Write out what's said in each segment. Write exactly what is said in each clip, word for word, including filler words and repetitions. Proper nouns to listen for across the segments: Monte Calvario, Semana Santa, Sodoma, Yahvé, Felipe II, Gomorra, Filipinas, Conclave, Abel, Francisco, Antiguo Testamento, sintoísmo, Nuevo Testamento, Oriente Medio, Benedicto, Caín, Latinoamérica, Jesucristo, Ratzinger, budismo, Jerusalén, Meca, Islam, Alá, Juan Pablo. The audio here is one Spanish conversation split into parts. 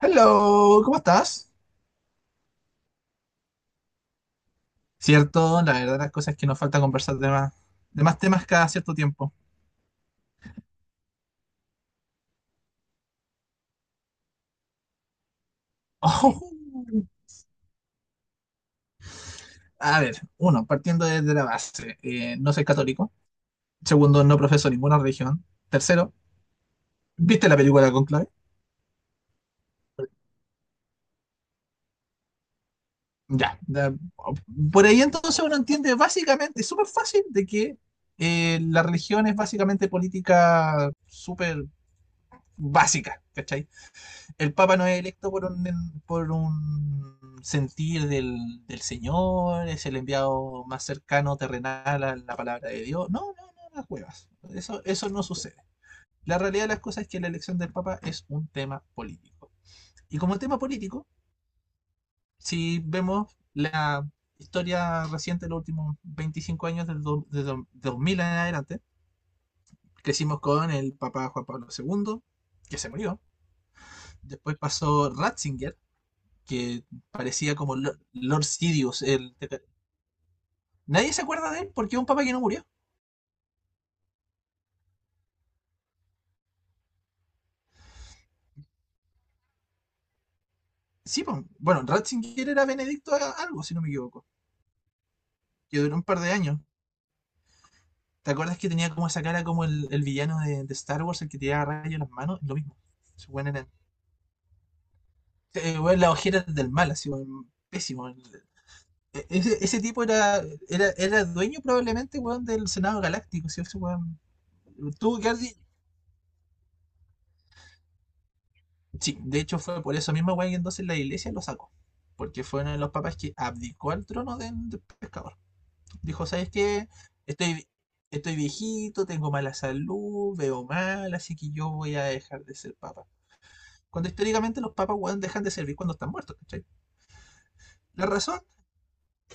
Hello, ¿cómo estás? Cierto, la verdad las cosas es que nos falta conversar de más, de más temas cada cierto tiempo. Oh, a ver, uno, partiendo desde la base, eh, no soy católico. Segundo, no profeso ninguna religión. Tercero, ¿viste la película Conclave? Ya, ya, por ahí entonces uno entiende básicamente, es súper fácil, de que eh, la religión es básicamente política súper básica, ¿cachai? El Papa no es electo por un, por un sentir del, del Señor, es el enviado más cercano, terrenal a la palabra de Dios. No, no, no, las huevas. Eso, eso no sucede. La realidad de las cosas es que la elección del Papa es un tema político. Y como tema político, si vemos la historia reciente de los últimos veinticinco años, del dos de do, dos mil en adelante, crecimos con el Papa Juan Pablo segundo que se murió. Después pasó Ratzinger, que parecía como Lord, Lord Sidious. El, nadie se acuerda de él porque es un papa que no murió. Sí, pues, bueno, Ratzinger era Benedicto algo, si no me equivoco, que duró un par de años. ¿Te acuerdas que tenía como esa cara como el, el villano de, de, Star Wars, el que tiraba rayos en las manos? Lo mismo. Su buen eh, bueno, las ojeras del mal, así, bueno, pésimo. E-, Ese, ese, tipo era, era, era dueño probablemente bueno, del Senado Galáctico, si ese bueno, tuvo que haber di- sí, de hecho fue por eso mismo weá que entonces la iglesia lo sacó. Porque fue uno de los papas que abdicó al trono de del pescador. Dijo, ¿sabes qué? Estoy, estoy viejito, tengo mala salud, veo mal, así que yo voy a dejar de ser papa. Cuando históricamente los papas, weón, dejan de servir cuando están muertos, ¿cachai? La razón,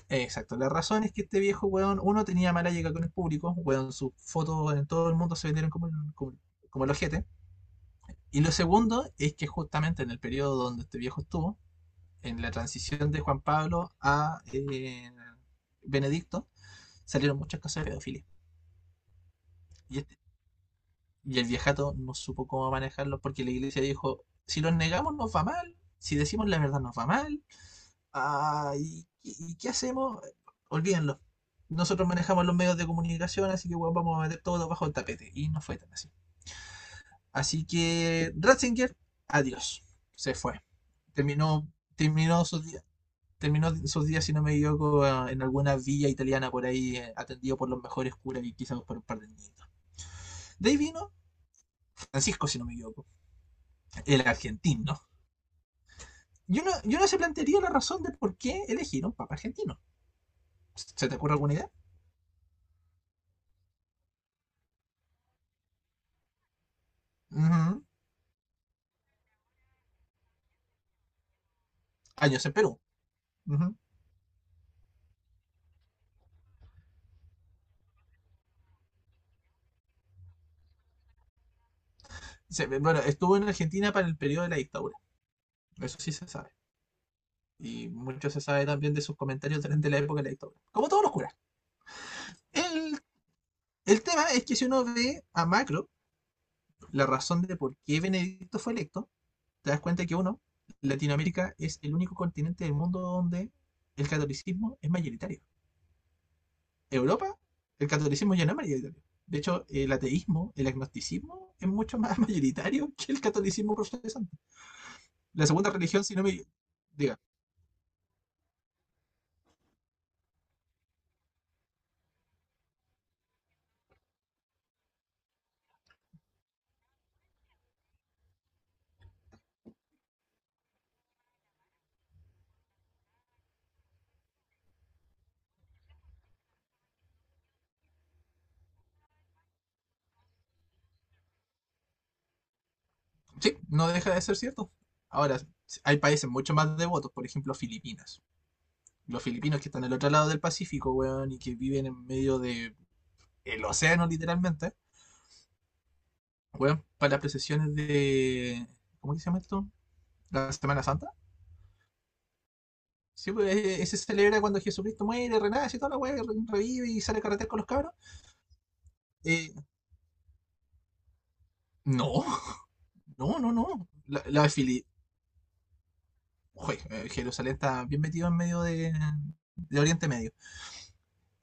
eh, exacto, la razón es que este viejo, weón, uno tenía mala llegada con el público, weón, sus fotos en todo el mundo se vendieron como, el- como, como el ojete. Y lo segundo es que justamente en el periodo donde este viejo estuvo, en la transición de Juan Pablo a eh, Benedicto, salieron muchas cosas de pedofilia. Y, este- y el viejato no supo cómo manejarlo porque la iglesia dijo, si los negamos nos va mal, si decimos la verdad nos va mal, ah, ¿y, y- y qué hacemos? Olvídenlo. Nosotros manejamos los medios de comunicación, así que bueno, vamos a meter todo bajo el tapete. Y no fue tan así. Así que Ratzinger, adiós. Se fue. Terminó, terminó su día. Terminó sus días, si no me equivoco, en alguna villa italiana por ahí, eh, atendido por los mejores curas y quizás por un par de niñitos. De ahí vino Francisco, si no me equivoco, el argentino. Yo no, yo no se plantearía la razón de por qué elegir un papa argentino. ¿Se te ocurre alguna idea? Uh -huh. Años en Perú. Uh -huh. Se, bueno, estuvo en Argentina para el periodo de la dictadura. Eso sí se sabe. Y mucho se sabe también de sus comentarios durante la época de la dictadura. Como todos los curas. El, el tema es que si uno ve a Macro, la razón de por qué Benedicto fue electo, te das cuenta que uno, Latinoamérica es el único continente del mundo donde el catolicismo es mayoritario. Europa, el catolicismo ya no es mayoritario. De hecho, el ateísmo, el agnosticismo es mucho más mayoritario que el catolicismo protestante. La segunda religión, si no me diga, sí, no deja de ser cierto. Ahora, hay países mucho más devotos, por ejemplo, Filipinas. Los filipinos que están al otro lado del Pacífico, weón, y que viven en medio del el océano, literalmente, weón, para las procesiones de. ¿Cómo que se llama esto? La Semana Santa. Sí, pues eh, se celebra cuando Jesucristo muere, renace y toda la weá, revive y sale a carretera con los cabros. Eh, no, no, no, no. La, la Fili- Jue, eh, Jerusalén está bien metido en medio de, de Oriente Medio.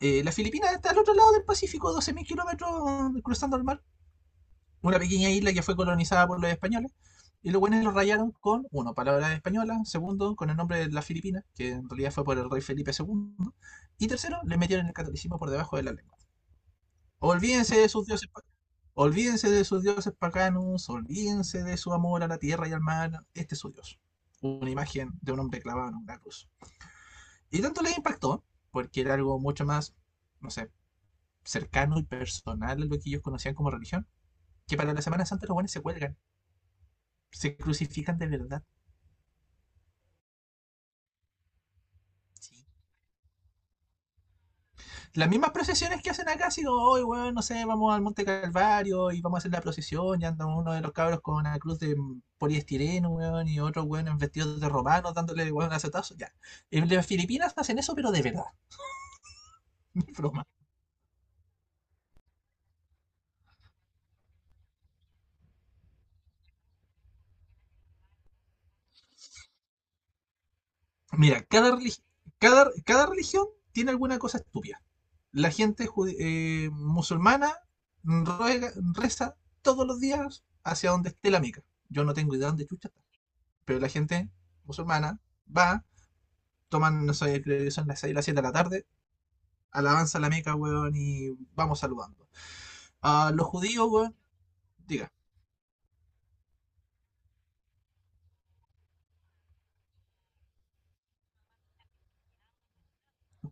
Eh, la Filipina está al otro lado del Pacífico, doce mil kilómetros eh, cruzando el mar. Una pequeña isla que fue colonizada por los españoles. Y los buenos lo rayaron con, uno, palabras españolas, segundo, con el nombre de la Filipina, que en realidad fue por el rey Felipe dos, y tercero, le metieron el catolicismo por debajo de la lengua. Olvídense de sus dioses, pa- olvídense de sus dioses paganos, olvídense de su amor a la tierra y al mar. Este es su dios. Una imagen de un hombre clavado en una cruz. Y tanto les impactó, porque era algo mucho más, no sé, cercano y personal a lo que ellos conocían como religión, que para la Semana Santa los buenos se cuelgan, se crucifican de verdad. Sí. Las mismas procesiones que hacen acá, así como, hoy, bueno no sé, vamos al Monte Calvario y vamos a hacer la procesión, y andan uno de los cabros con una cruz de poliestireno, weón, y otro, weón, en vestidos de romanos, dándole, weón, acetazo, ya. En las Filipinas hacen eso, pero de verdad, no es broma. Mira, cada, religi- cada, cada religión tiene alguna cosa estúpida. La gente judi- eh, musulmana ruega, reza todos los días hacia donde esté la mica. Yo no tengo idea dónde chucha está, pero la gente musulmana va toman, no sé, creo que son las seis, las siete de la tarde, alabanza a la Meca, weón, y vamos saludando. A los judíos, weón, diga,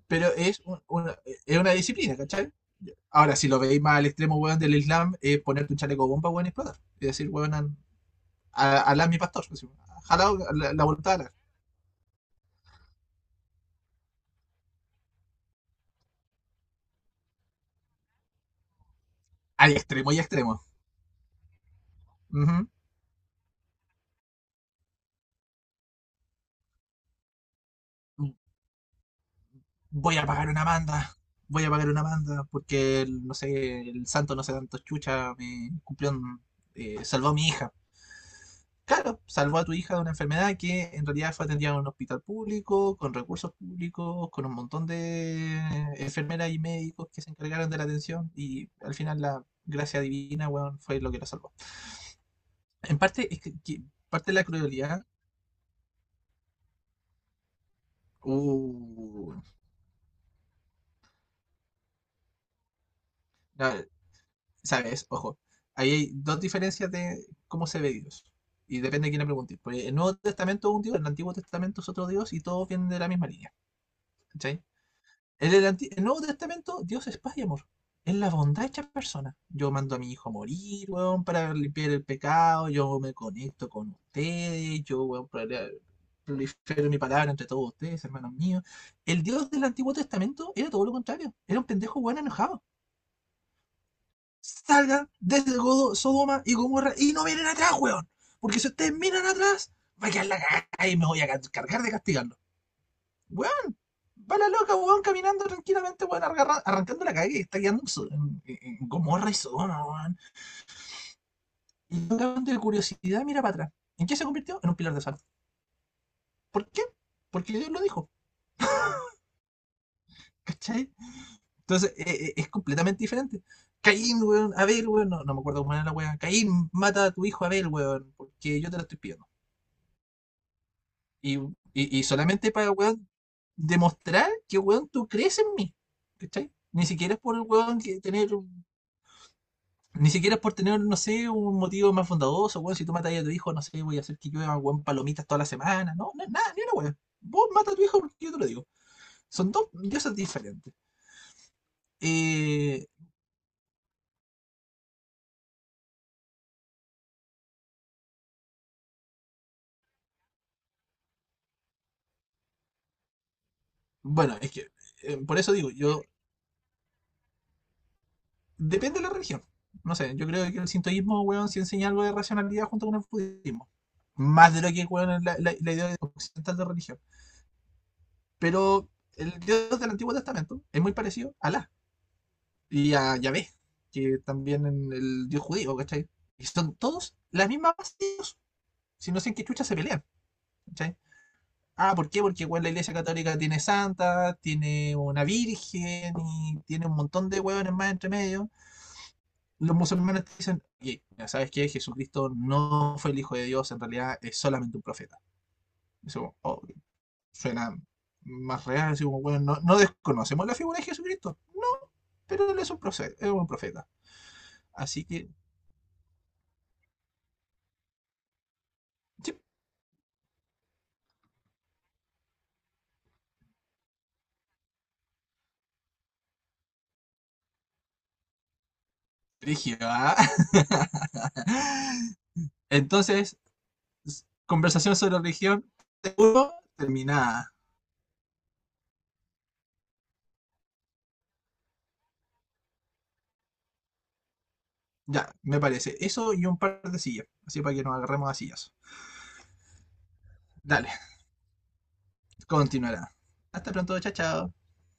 pero es, un- una, es una disciplina, ¿cachai? Ahora, si lo veis más al extremo, weón, del Islam, es ponerte un chaleco bomba, weón, y explotar. Y decir, weón, an- a- alá mi pastor, así, jalao la, la voluntad de Alá. Al extremo y extremo. Ujú. Voy a pagar una manda. Voy a pagar una manda porque, el- no sé, el santo no sé tanto chucha me cumplió, un- eh, salvó a mi hija. Claro, salvó a tu hija de una enfermedad que en realidad fue atendida en un hospital público, con recursos públicos, con un montón de enfermeras y médicos que se encargaron de la atención y al final la gracia divina, weón, fue lo que la salvó. En parte, es que, que parte de la crueldad, uh, la- sabes, ojo, ahí hay dos diferencias de cómo se ve Dios. Y depende de quién le pregunte. Porque el Nuevo Testamento es un Dios, el Antiguo Testamento es otro Dios y todos vienen de la misma línea. ¿Cachai? En el, Anti- el Nuevo Testamento, Dios es paz y amor. Es la bondad hecha persona. Yo mando a mi hijo a morir, weón, para limpiar el pecado. Yo me conecto con ustedes. Yo, weón, prole- prolifero mi palabra entre todos ustedes, hermanos míos. El Dios del Antiguo Testamento era todo lo contrario. Era un pendejo, weón, enojado. Salgan desde Godo- Sodoma y Gomorra y no miren atrás, weón. Porque si ustedes miran atrás, va a quedar la cagada y me voy a ca- cargar de castigarlos. Weón, va la loca, weón, caminando tranquilamente, weón, argarra- arrancando la calle que está quedando en, So- en- en- Gomorra y Sodoma, weón. Y el weón de curiosidad mira para atrás. ¿En qué se convirtió? En un pilar de sal. ¿Por qué? Porque Dios lo dijo, ¿cachai? Entonces, eh, eh, es completamente diferente. Caín, weón, Abel, weón, no, no me acuerdo cómo era la weón. Caín mata a tu hijo Abel, weón, porque yo te lo estoy pidiendo. Y, y, y solamente para, weón, demostrar que, weón, tú crees en mí, ¿cachai? Ni siquiera es por el weón que tener. Ni siquiera es por tener, no sé, un motivo más bondadoso, weón. Si tú matas a tu hijo, no sé, voy a hacer que llueva, weón, palomitas toda la semana. No, no es nada, ni una weón. Vos matas a tu hijo porque yo te lo digo. Son dos diosas diferentes. Eh, bueno, es que, eh, por eso digo, yo, depende de la religión. No sé, yo creo que el sintoísmo, weón, sí enseña algo de racionalidad junto con el budismo. Más de lo que, weón, es la, la, la idea occidental de religión. Pero el dios del Antiguo Testamento es muy parecido a Alá. Y a Yahvé, que también en el dios judío, ¿cachai? Y son todos las mismas bases, si no sé en qué chucha se pelean, ¿cachai? Ah, ¿por qué? Porque igual la iglesia católica tiene santa, tiene una virgen y tiene un montón de huevones más entre medio. Los musulmanes dicen, oye, ¿sabes qué? Jesucristo no fue el hijo de Dios, en realidad es solamente un profeta. Eso oh, suena más real, así como, bueno, no, no desconocemos la figura de Jesucristo. No, pero él es un profeta. Es un profeta. Así que, sí, Brígido, ¿ah? Entonces, s- conversación sobre religión, seguro, terminada. Ya, me parece. Eso y un par de sillas. Así para que nos agarremos a sillas. Dale, continuará. Hasta pronto, chao, chao.